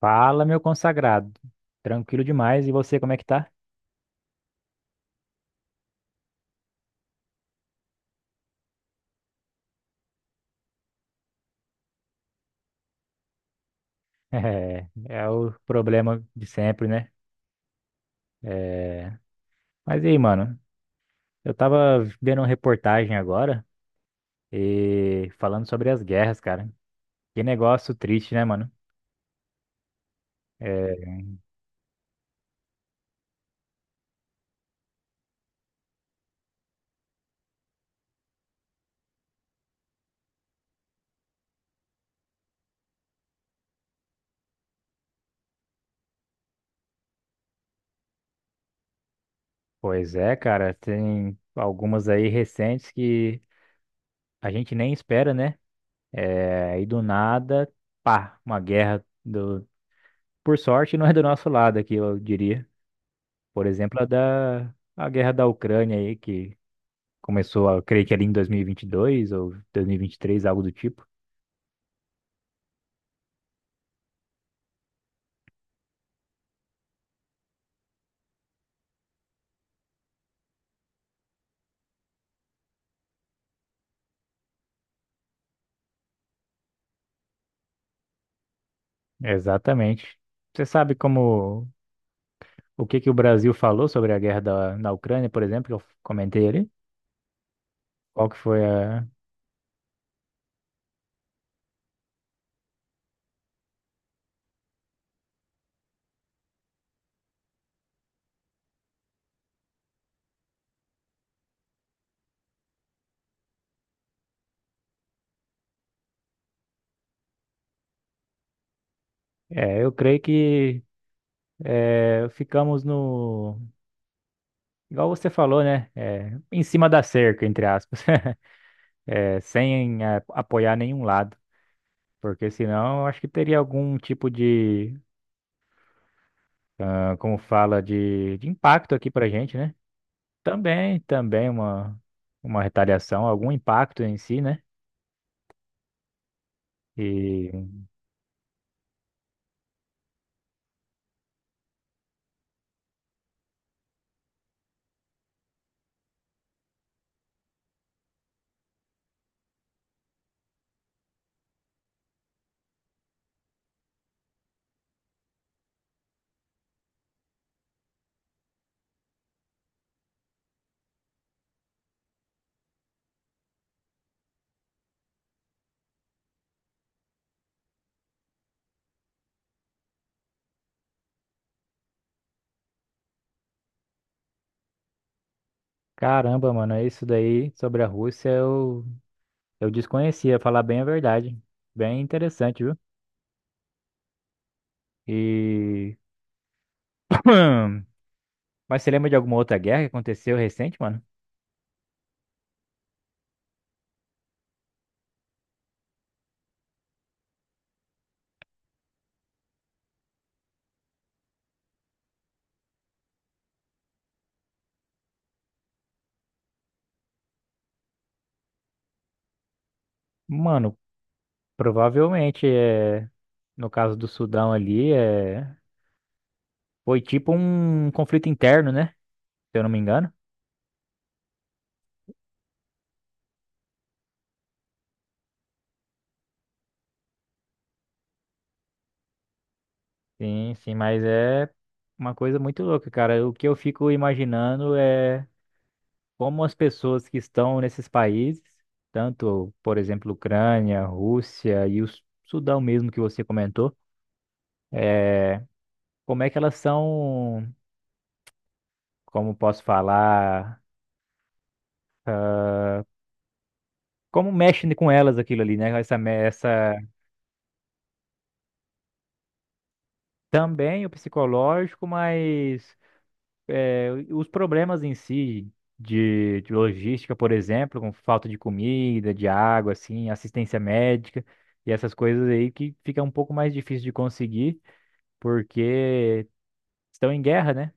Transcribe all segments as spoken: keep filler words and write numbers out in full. Fala, meu consagrado. Tranquilo demais. E você, como é que tá? É, é o problema de sempre, né? É... Mas e aí, mano? Eu tava vendo uma reportagem agora e falando sobre as guerras, cara. Que negócio triste, né, mano? É. Pois é, cara. Tem algumas aí recentes que a gente nem espera, né? É. E do nada, pá, uma guerra do... por sorte, não é do nosso lado aqui, eu diria. Por exemplo, a da a guerra da Ucrânia aí, que começou, a, creio que ali em dois mil e vinte e dois ou dois mil e vinte e três, algo do tipo. Exatamente. Você sabe como o que que o Brasil falou sobre a guerra da, na Ucrânia, por exemplo, que eu comentei ali? Qual que foi a... É, eu creio que é, ficamos no... Igual você falou, né? É, em cima da cerca, entre aspas. É, sem é, apoiar nenhum lado. Porque senão eu acho que teria algum tipo de ah, como fala de, de impacto aqui pra gente, né? Também, também uma, uma retaliação, algum impacto em si, né? E caramba, mano, isso daí sobre a Rússia eu, eu desconhecia, falar bem a verdade. Bem interessante, viu? E. Mas você lembra de alguma outra guerra que aconteceu recente, mano? Mano, provavelmente é. No caso do Sudão ali, é... foi tipo um conflito interno, né? Se eu não me engano. Sim, sim, mas é uma coisa muito louca, cara. O que eu fico imaginando é como as pessoas que estão nesses países, tanto, por exemplo, Ucrânia, Rússia e o Su- Sudão mesmo que você comentou, é, como é que elas são, como posso falar, como mexe com elas aquilo ali, né? Essa, essa também o psicológico, mas é, os problemas em si de, de logística, por exemplo, com falta de comida, de água, assim, assistência médica e essas coisas aí que fica um pouco mais difícil de conseguir porque estão em guerra, né?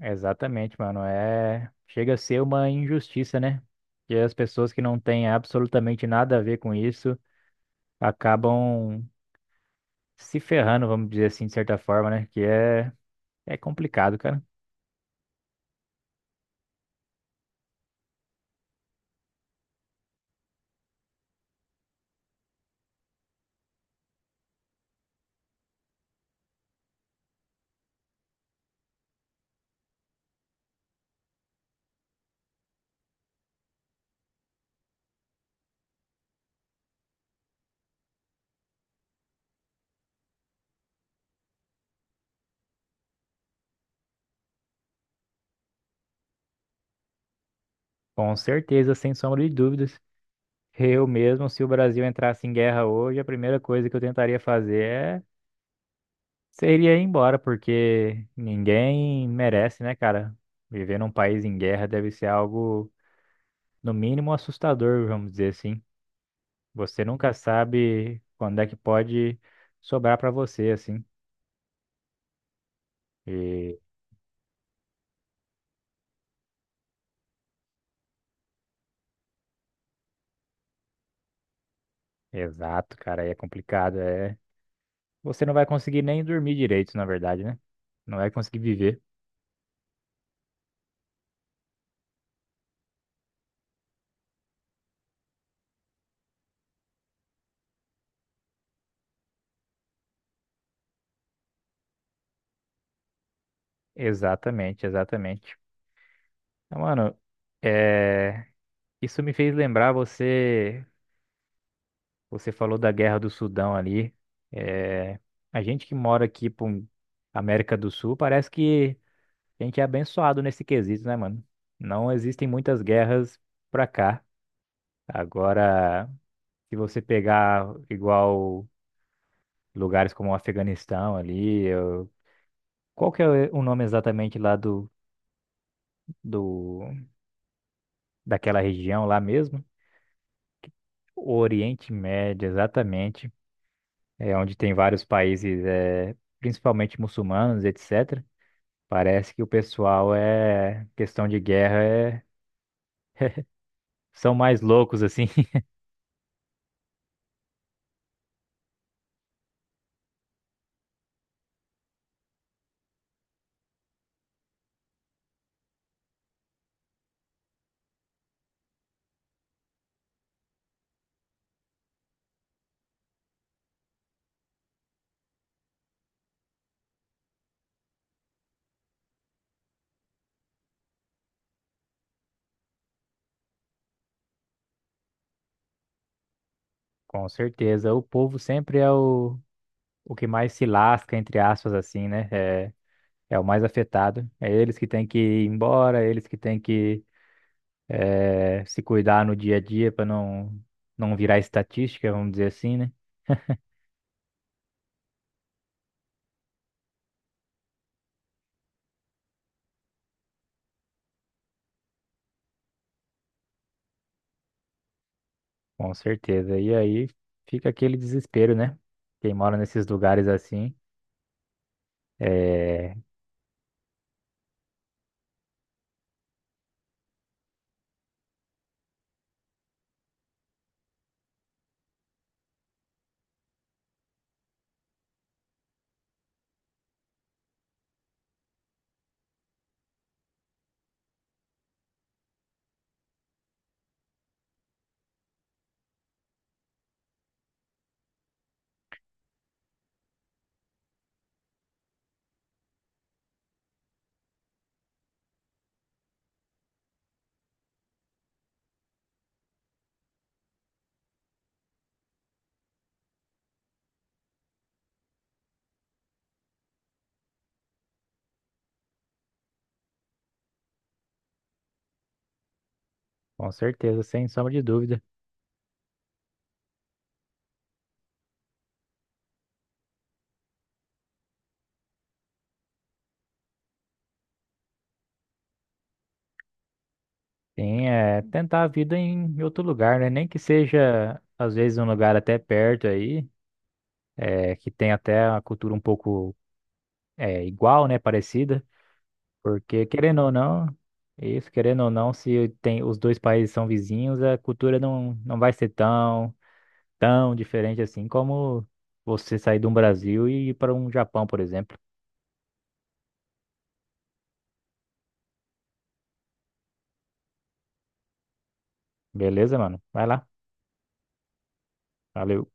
Exatamente, mano. É, chega a ser uma injustiça, né? Que as pessoas que não têm absolutamente nada a ver com isso acabam se ferrando, vamos dizer assim, de certa forma, né? Que é, é complicado, cara. Com certeza, sem sombra de dúvidas. Eu mesmo, se o Brasil entrasse em guerra hoje, a primeira coisa que eu tentaria fazer é seria ir embora, porque ninguém merece, né, cara? Viver num país em guerra deve ser algo, no mínimo, assustador, vamos dizer assim. Você nunca sabe quando é que pode sobrar pra você, assim. E exato, cara, aí é complicado, é. Você não vai conseguir nem dormir direito, na verdade, né? Não vai conseguir viver. Exatamente, exatamente. Então, mano, é. Isso me fez lembrar você, você falou da Guerra do Sudão ali. É, a gente que mora aqui pra um, América do Sul, parece que a gente é abençoado nesse quesito, né, mano? Não existem muitas guerras pra cá. Agora, se você pegar igual lugares como o Afeganistão ali, eu- qual que é o nome exatamente lá do, do daquela região lá mesmo? O Oriente Médio, exatamente. É, onde tem vários países, é, principalmente muçulmanos, etcétera. Parece que o pessoal é questão de guerra, é, são mais loucos assim. Com certeza, o povo sempre é o, o que mais se lasca, entre aspas, assim, né? É, é o mais afetado. É eles que têm que ir embora, eles que têm que é, se cuidar no dia a dia para não, não virar estatística, vamos dizer assim, né? Com certeza. E aí fica aquele desespero, né? Quem mora nesses lugares assim. É. Com certeza, sem sombra de dúvida. Sim, é tentar a vida em outro lugar, né? Nem que seja, às vezes, um lugar até perto aí, é, que tem até uma cultura um pouco é, igual, né? Parecida. Porque, querendo ou não, isso, querendo ou não, se tem, os dois países são vizinhos, a cultura não, não vai ser tão, tão diferente assim como você sair do Brasil e ir para um Japão, por exemplo. Beleza, mano? Vai lá. Valeu.